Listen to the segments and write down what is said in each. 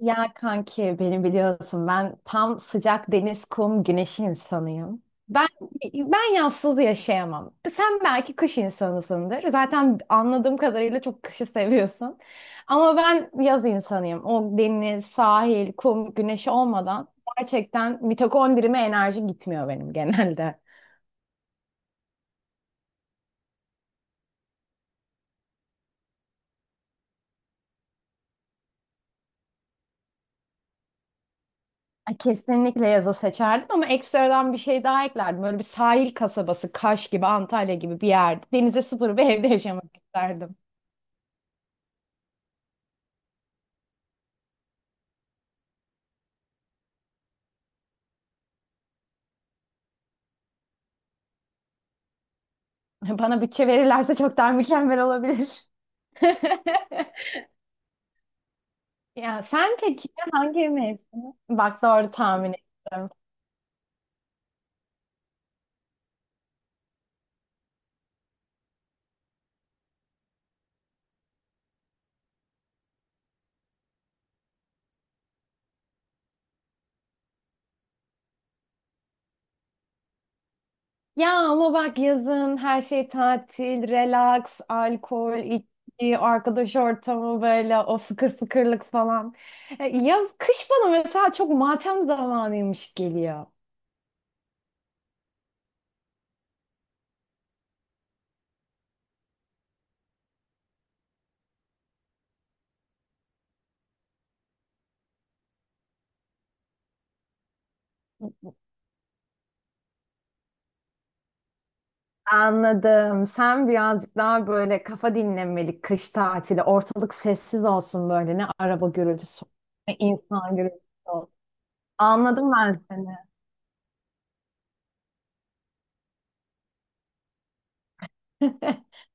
Ya kanki beni biliyorsun ben tam sıcak deniz, kum, güneş insanıyım. Ben ben yazsız yaşayamam. Sen belki kış insanısındır. Zaten anladığım kadarıyla çok kışı seviyorsun. Ama ben yaz insanıyım. O deniz, sahil, kum, güneş olmadan gerçekten mitokondrime enerji gitmiyor benim genelde. Ay, kesinlikle yazı seçerdim ama ekstradan bir şey daha eklerdim. Böyle bir sahil kasabası, Kaş gibi, Antalya gibi bir yerde. Denize sıfır bir evde yaşamak isterdim. Bana bütçe verirlerse çok daha mükemmel olabilir. Ya sen peki hangi mevsimi? Bak doğru tahmin ettim. Ya ama bak yazın her şey tatil, relax, alkol, içki, arkadaş ortamı böyle o fıkır fıkırlık falan. Yaz, kış bana mesela çok matem zamanıymış geliyor. Anladım. Sen birazcık daha böyle kafa dinlenmelik kış tatili. Ortalık sessiz olsun böyle. Ne araba gürültüsü, ne insan gürültüsü olsun. Anladım ben seni.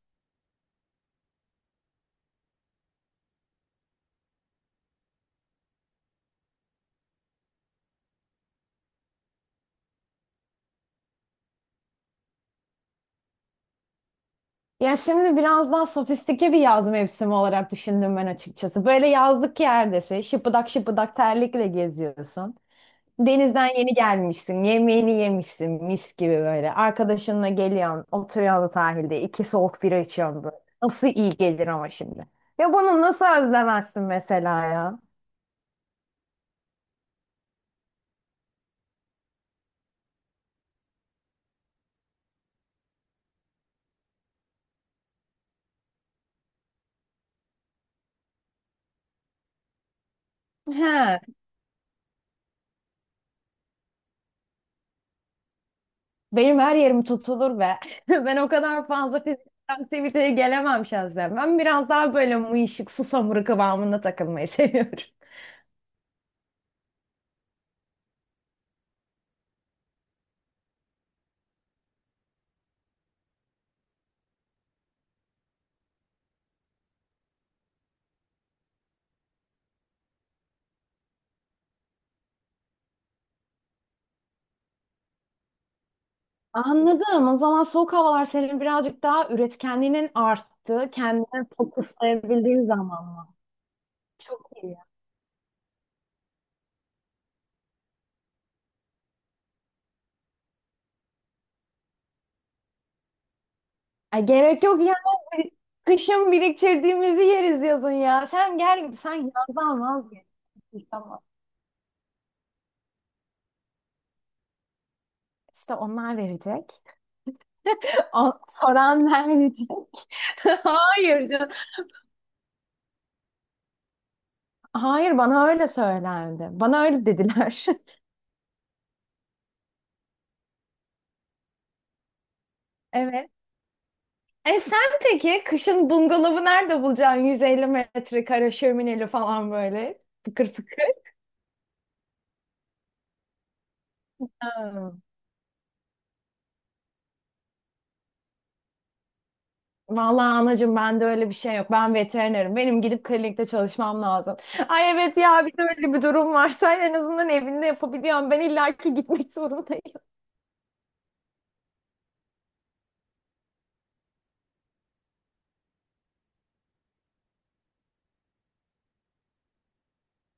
Ya şimdi biraz daha sofistike bir yaz mevsimi olarak düşündüm ben açıkçası. Böyle yazlık yerdesin, şıpıdak şıpıdak terlikle geziyorsun. Denizden yeni gelmişsin, yemeğini yemişsin mis gibi böyle. Arkadaşınla geliyorsun, oturuyorsun sahilde, iki soğuk bira içiyorsun böyle. Nasıl iyi gelir ama şimdi. Ya bunu nasıl özlemezsin mesela ya? He, benim her yerim tutulur be. Ben o kadar fazla fiziksel aktiviteye gelemem şahsen. Ben biraz daha böyle mıyışık, susamuru kıvamında takılmayı seviyorum. Anladım. O zaman soğuk havalar senin birazcık daha üretkenliğinin arttığı, kendine fokuslayabildiğin zaman mı? Çok iyi. Ay gerek yok ya. Kışın biriktirdiğimizi yeriz yazın ya. Sen gel sen yazdan vazgeç. Tamam. İşte onlar verecek. O, soran verecek. Hayır canım. Hayır bana öyle söylendi. Bana öyle dediler. Evet. E sen peki kışın bungalovu nerede bulacaksın? 150 metrekare şömineli falan böyle. Fıkır fıkır. Ha. Vallahi anacığım bende öyle bir şey yok. Ben veterinerim. Benim gidip klinikte çalışmam lazım. Ay evet ya bir de öyle bir durum var. Sen en azından evinde yapabiliyorsun. Ben illaki gitmek zorundayım.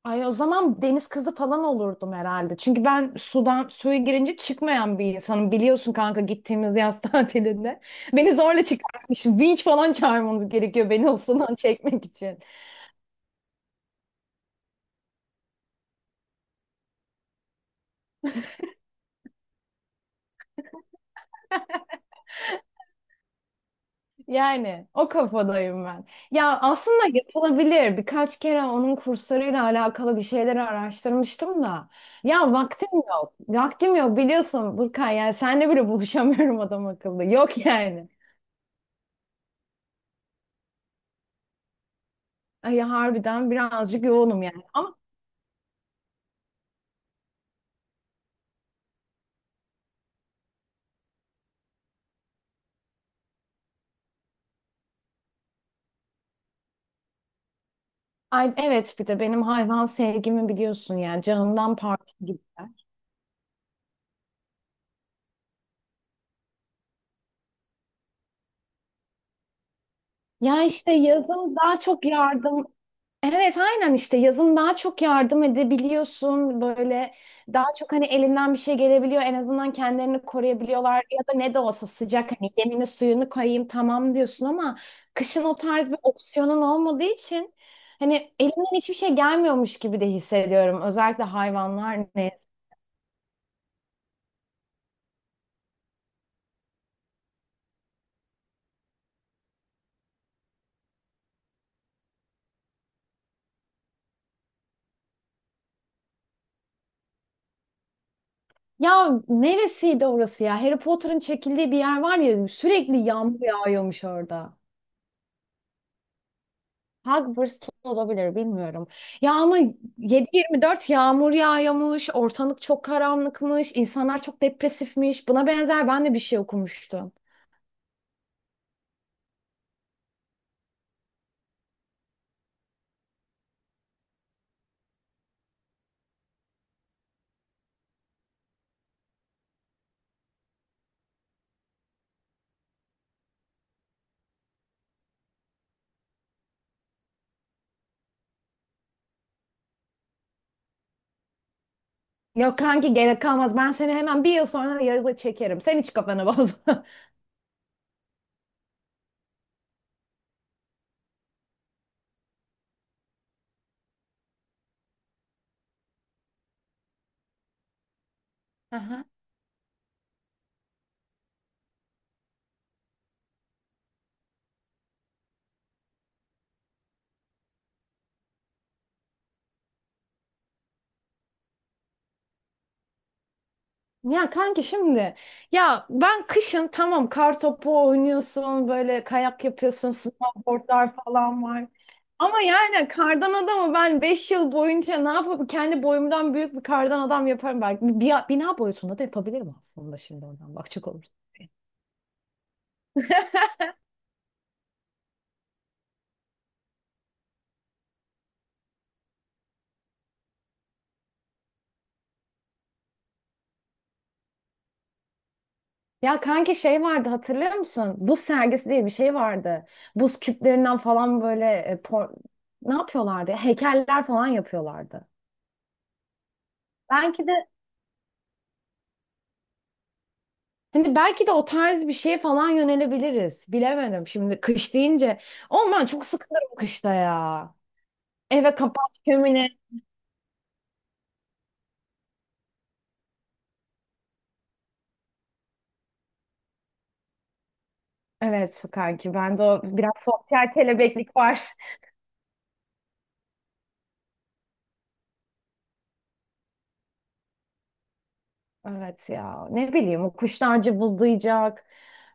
Ay o zaman deniz kızı falan olurdum herhalde. Çünkü ben sudan suya girince çıkmayan bir insanım. Biliyorsun kanka gittiğimiz yaz tatilinde. Beni zorla çıkartmış. Vinç falan çağırmanız gerekiyor beni o sudan çekmek için. Yani o kafadayım ben. Ya aslında yapılabilir. Birkaç kere onun kurslarıyla alakalı bir şeyler araştırmıştım da. Ya vaktim yok. Vaktim yok biliyorsun Burkan. Yani seninle bile buluşamıyorum adam akıllı. Yok yani. Ay harbiden birazcık yoğunum yani. Ama ay, evet bir de benim hayvan sevgimi biliyorsun yani. Canımdan parça gibi. Ya işte yazın daha çok yardım Evet aynen işte yazın daha çok yardım edebiliyorsun böyle, daha çok hani elinden bir şey gelebiliyor, en azından kendilerini koruyabiliyorlar ya da ne de olsa sıcak, hani yemini suyunu koyayım tamam diyorsun, ama kışın o tarz bir opsiyonun olmadığı için hani elimden hiçbir şey gelmiyormuş gibi de hissediyorum, özellikle hayvanlar ne. Ya neresiydi orası ya, Harry Potter'ın çekildiği bir yer var ya, sürekli yağmur yağıyormuş orada. Hogwarts olabilir bilmiyorum. Ya ama 7-24 yağmur yağıyormuş, ortalık çok karanlıkmış, insanlar çok depresifmiş. Buna benzer ben de bir şey okumuştum. Yok kanki gerek kalmaz. Ben seni hemen bir yıl sonra yazı çekerim. Sen hiç kafanı bozma. Ya kanki şimdi ya ben kışın tamam, kar topu oynuyorsun böyle, kayak yapıyorsun, snowboardlar falan var. Ama yani kardan adamı ben 5 yıl boyunca ne yapıp kendi boyumdan büyük bir kardan adam yaparım belki. Bir, bina boyutunda da yapabilirim aslında şimdi oradan bakacak olursun. Ya kanki şey vardı hatırlıyor musun? Buz sergisi diye bir şey vardı. Buz küplerinden falan böyle ne yapıyorlardı ya? Heykeller falan yapıyorlardı. Belki de Şimdi belki de o tarz bir şeye falan yönelebiliriz. Bilemedim. Şimdi kış deyince. Oğlum ben çok sıkılırım kışta ya. Eve kapan kömine. Evet kanki bende o biraz sosyal kelebeklik var. Evet ya ne bileyim o kuşlar cıvıldayacak.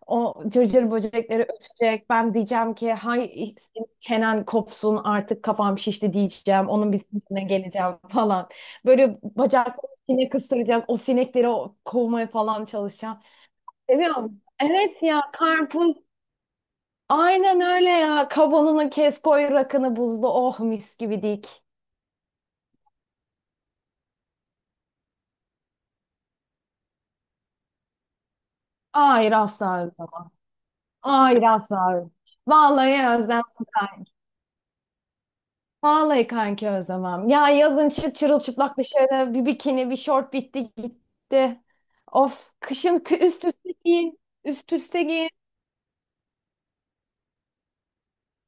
O cırcır böcekleri ötecek. Ben diyeceğim ki hay senin çenen kopsun artık kafam şişti diyeceğim. Onun bir sinirine geleceğim falan. Böyle bacaklarım sinek ısıracak. O sinekleri kovmaya falan çalışacağım. Seviyorum. Evet ya karpuz. Aynen öyle ya. Kavanını kes koy rakını buzlu. Oh mis gibi dik. Hayır asla özlemem. Hayır asla özlemem. Vallahi özlem. Vallahi kanki özlemem. Ya yazın çık çırılçıplak dışarı bir bikini bir şort bitti gitti. Of kışın üst üste giyin. Üst üste giyin.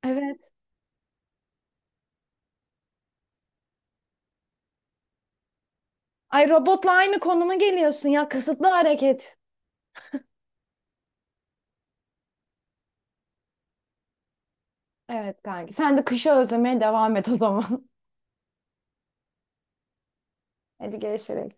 Evet. Ay robotla aynı konuma geliyorsun ya. Kısıtlı hareket. Evet kanki. Sen de kışı özlemeye devam et o zaman. Hadi görüşürüz.